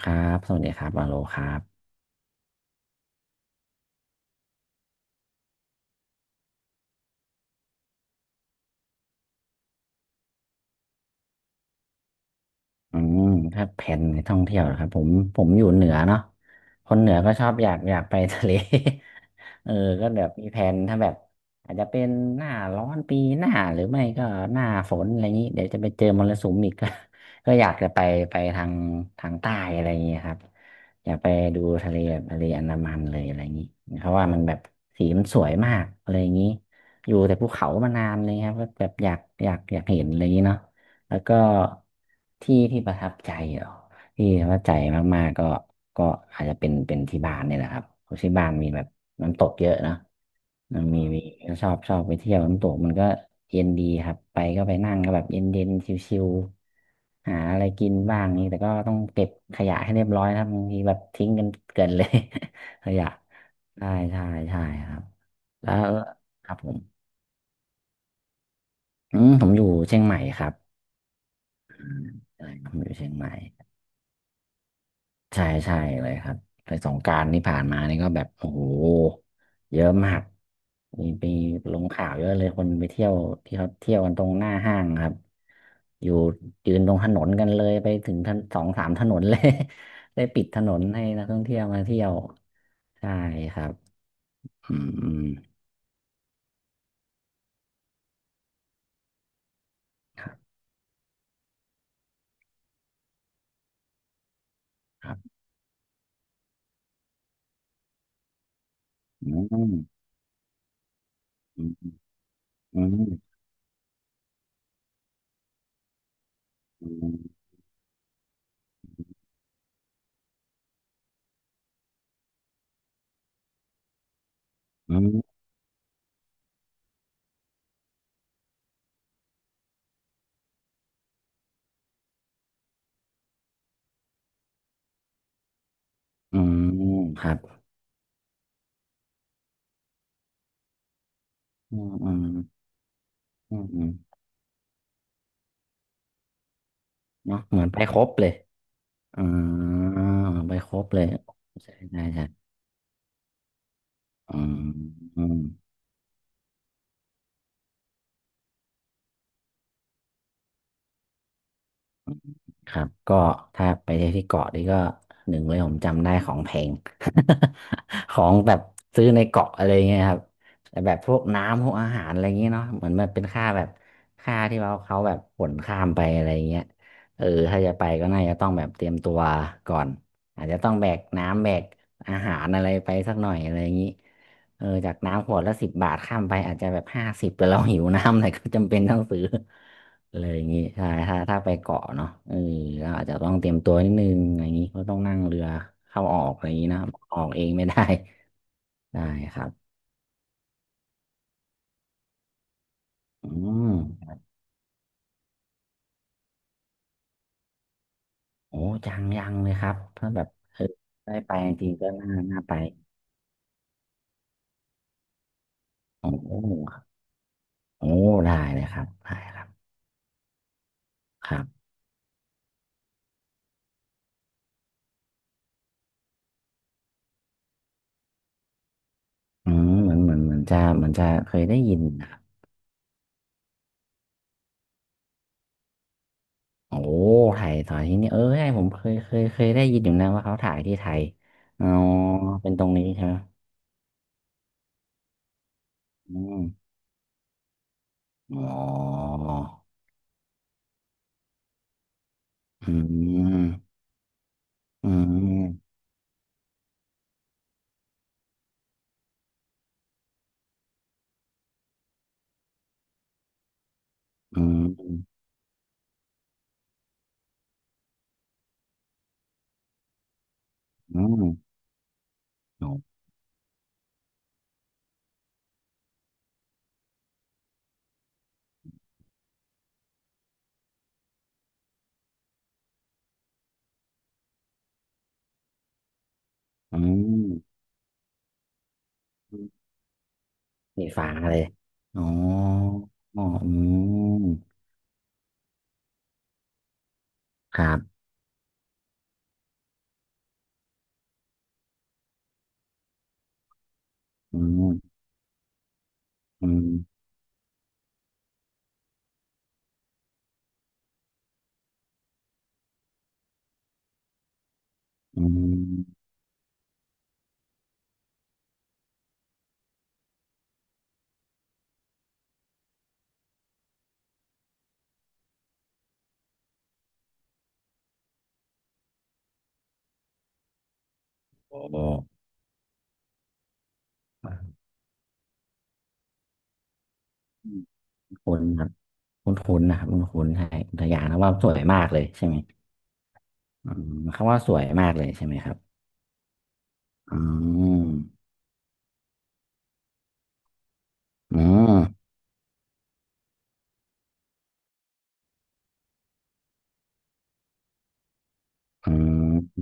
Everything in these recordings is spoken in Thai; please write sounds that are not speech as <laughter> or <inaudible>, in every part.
ครับ สวัสดีครับวาโลครับ อืม ถ้าแผนในท่องเที่ยวนะครับผม ผมอยู่เหนือเนาะคนเหนือก็ชอบอยากไปทะเล <laughs> เออก็แบบมีแผนถ้าแบบอาจจะเป็นหน้าร้อนปีหน้าหรือไม่ก็หน้าฝนอะไรอย่างนี้เดี๋ยวจะไปเจอมรสุมอีก <laughs> ก็อยากจะไปไปทางทางใต้อะไรอย่างนี้ครับอยากไปดูทะเลแบบทะเลอันดามันเลยอะไรอย่างนี้เพราะว่ามันแบบสีมันสวยมากอะไรอย่างนี้อยู่แต่ภูเขามานานเลยครับก็แบบอยากอยากเห็นอะไรอย่างนี้เนาะแล้วก็ที่ที่ประทับใจเหรอ ที่ว่าใจมากๆก็ก็อาจจะเป็นที่บ้านเนี่ยแหละครับเพราะที่บ้านมีแบบน้ำตกเยอะเนอะมีก็ชอบไปเที่ยวน้ำตกมันก็เย็นดีครับไปก็ไปนั่งก็แบบเย็นเย็นชิวๆหาอะไรกินบ้างนี่แต่ก็ต้องเก็บขยะให้เรียบร้อยนะครับบางทีแบบทิ้งกันเกินเลย <laughs> ขยะใช่ใช่ใช่ครับแล้วครับผมอืมผมอยู่เชียงใหม่ครับใช่ผมอยู่เชียงใหม่ ใช่ใช่เลยครับไปสงกรานต์ที่ผ่านมานี่ก็แบบโอ้โหเยอะมากมีไปลงข่าวเยอะเลยคนไปเที่ยวที่เขาเที่ยวกันตรงหน้าห้างครับอยู่ยืนตรงถนนกันเลยไปถึงถนนสองสามถนนเลย <laughs> ได้ปิดถนนให้นักท่องเที่ยวมาเที่ยวใช่ครับอืมอืมครับครับอืมอืมอืมอืมอืมอืมครับอืมอืมอืมอืมเนาะเหมือนไปครบเลย อ่าไปครบเลยใช่ได้ใช่อืมอืมครับก็ถ้าไปเที่ยวที่เกาะนี่ก็หนึ่งเลยผมจำได้ของแพง <laughs> ของแบบซื้อในเกาะอะไรเงี้ยครับแต่แบบพวกน้ำพวกอาหารอะไรเงงี้ยเนาะเหมือนมันเป็นค่าแบบค่าที่เราเขาแบบขนข้ามไปอะไรเงี้ยเออถ้าจะไปก็น่าจะต้องแบบเตรียมตัวก่อนอาจจะต้องแบกน้ำแบกอาหารอะไรไปสักหน่อยอะไรอย่างนี้ เออจากน้ำขวดละสิบบาทข้ามไปอาจจะแบบห้าสิบแต่เราหิวน้ำหน่อยก็จำเป็นต้องซื้อ <laughs> เลยอย่างงี้ใช่ถ้าไปเกาะเนาะเออก็อาจจะต้องเตรียมตัวนิดนึงอย่างงี้ก็ต้องนั่งเรือเข้าออกอะไรอย่างงี้นะออกเองไม่ได้ <laughs> ได้ครับอืมโอ้จังยังเลยครับถ้าแบบเออได้ไปจริงๆก็น่าน่าไปโอ้โหโอ้ได้เลยครับได้ครับครับอืมเหมือนเหมือนเหมือนจะเหมือนจะเคยได้ยินนะครับ โอ้ถ่ายถ่ายที่นี่เออใช่ผมเคยได้ยินอยู่นะว่าเขาถ่ายที่ไทยอ๋อเป็นตรงนี้ใช่ไหมอืมอ๋ออืมอืมอืมอืมอืมอืมสีฟ้าเลยอ๋ออ๋ออืมครับอืมอืมอืมโอ้คุ้นครับคุ้นคุ้นนะครับคุ้นๆใช่อุทยานแล้วว่าสวยมากเลยใช่ไหมอืมคำว่าสวยมากเลยใช่ไหมครับ อ๋ออ๋ออ๋อ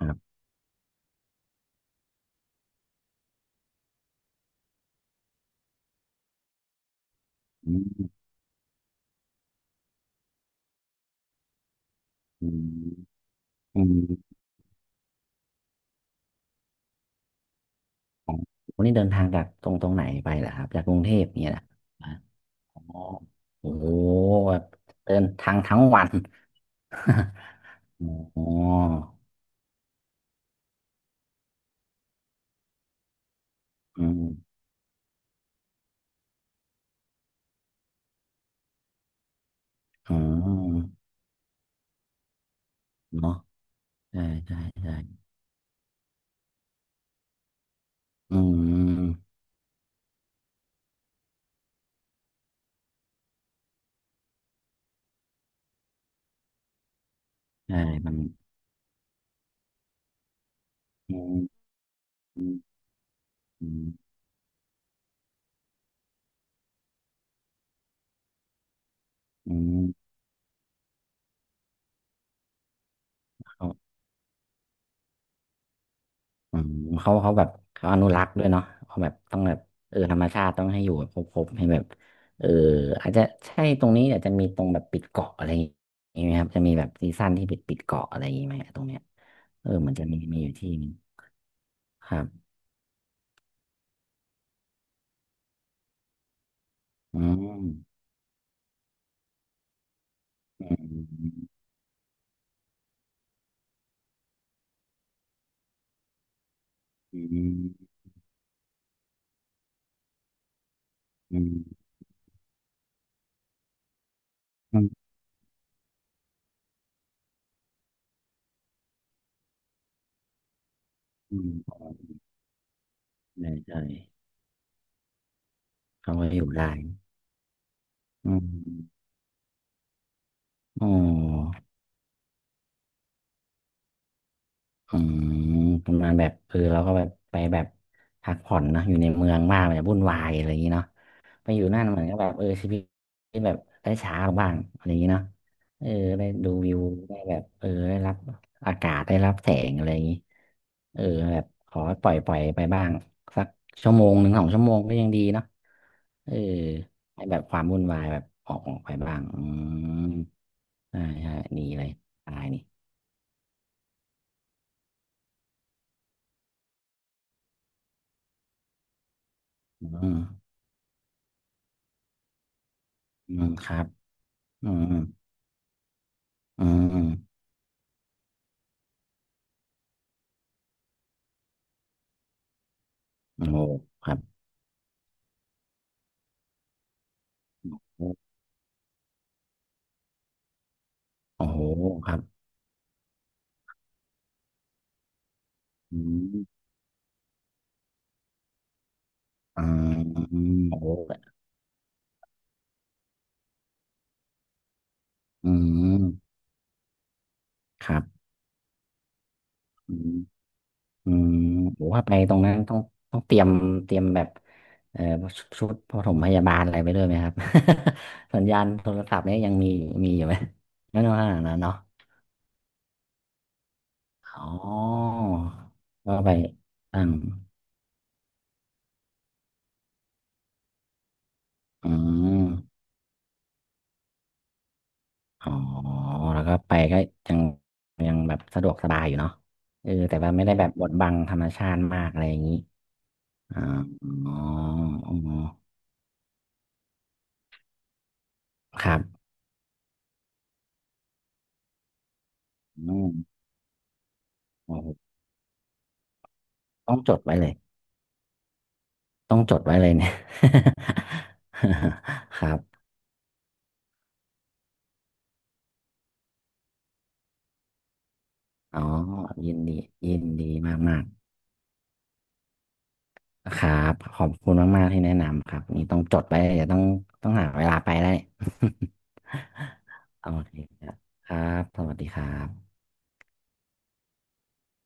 ครับอืมอืมอืมวันนี้เดินทางจากตรงไหนไปเหรอครับ จากกรุงเทพเนี่ยนะอ๋อโอ้โหแบบเดินทางทั้งวัน <laughs> อ๋ออืมอ๋อเนาะใช่ใช่ใช่อืมใช่มันอืมอืมอืมอืม อืมเขาแบบเขาอนุรักษ์ด้วยเนาะเขาแบบต้องแบบเออธรรมชาติต้องให้อยู่แบบครบๆให้แบบเอออาจจะตรงนี้อาจจะมีตรงแบบปิดเกาะอะไรอย่างงี้ไหมครับจะมีแบบซีซั่นที่ปิดเกาะอะไรอย่างงี้ไหมตรงเนี้ยเออเหมือนจะมีมีอยู่ที่หนึงครับอืมอืมอืมอืมอืมอืมใช่ใช่เขาก็อยู่ได้อืมอ๋อ อืมประมาณแบบเออเราก็แบบไปแบบพักผ่อนเนอะอยู่ในเมืองมากมันจะวุ่นวายอะไรอย่างนี้เนาะไปอยู่นั่นเหมือนก็แบบเออชีวิตแบบได้ช้าลงบ้างอะไรอย่างนี้เนาะเออได้ดูวิวได้แบบเออได้รับอากาศได้รับแสงอะไรอย่างนี้เออแบบขอปล่อยไปบ้างสักชั่วโมงหนึ่งสองชั่วโมงก็ยังดีเนาะเออให้แบบความวุ่นวายแบบออกไปบ้างอืมใช่ใช่ดีเลยตายนี่อืมอืมครับอืม อืมโอ้โหครับโอ้โหครับอืมอ่าอืมโอ้โหอืมครับอืมอืมผมว่าไปตรงนั้นต้องต้องเตรียมเตรียมแบบเอ่อชุดปฐมพยาบาลอะไรไปด้วยไหมครับ <laughs> สัญญาณโทรศัพท์เนี่ยยังมีมีอยู่ไหมไม่น้องานะเนาะอ๋อก็ไปตั้งอืม อ๋อแล้วก็ไปก็ยังยังแบบสะดวกสบายอยู่เนาะเออแต่ว่าไม่ได้แบบบดบังธรรมชาติมากอะไรอย่างนี้อ๋ออ๋ออ๋อครับอืมโอ้โหต้องจดไว้เลยต้องจดไว้เลยเนี่ย <laughs> ครับอ๋อยินดียินดีมากมากครับขอบคุณมากๆที่แนะนำครับนี่ต้องจดไว้เดี๋ยวต้องต้องหาเวลาไปได้ <laughs> โอเคครับครับสวัสดีครับ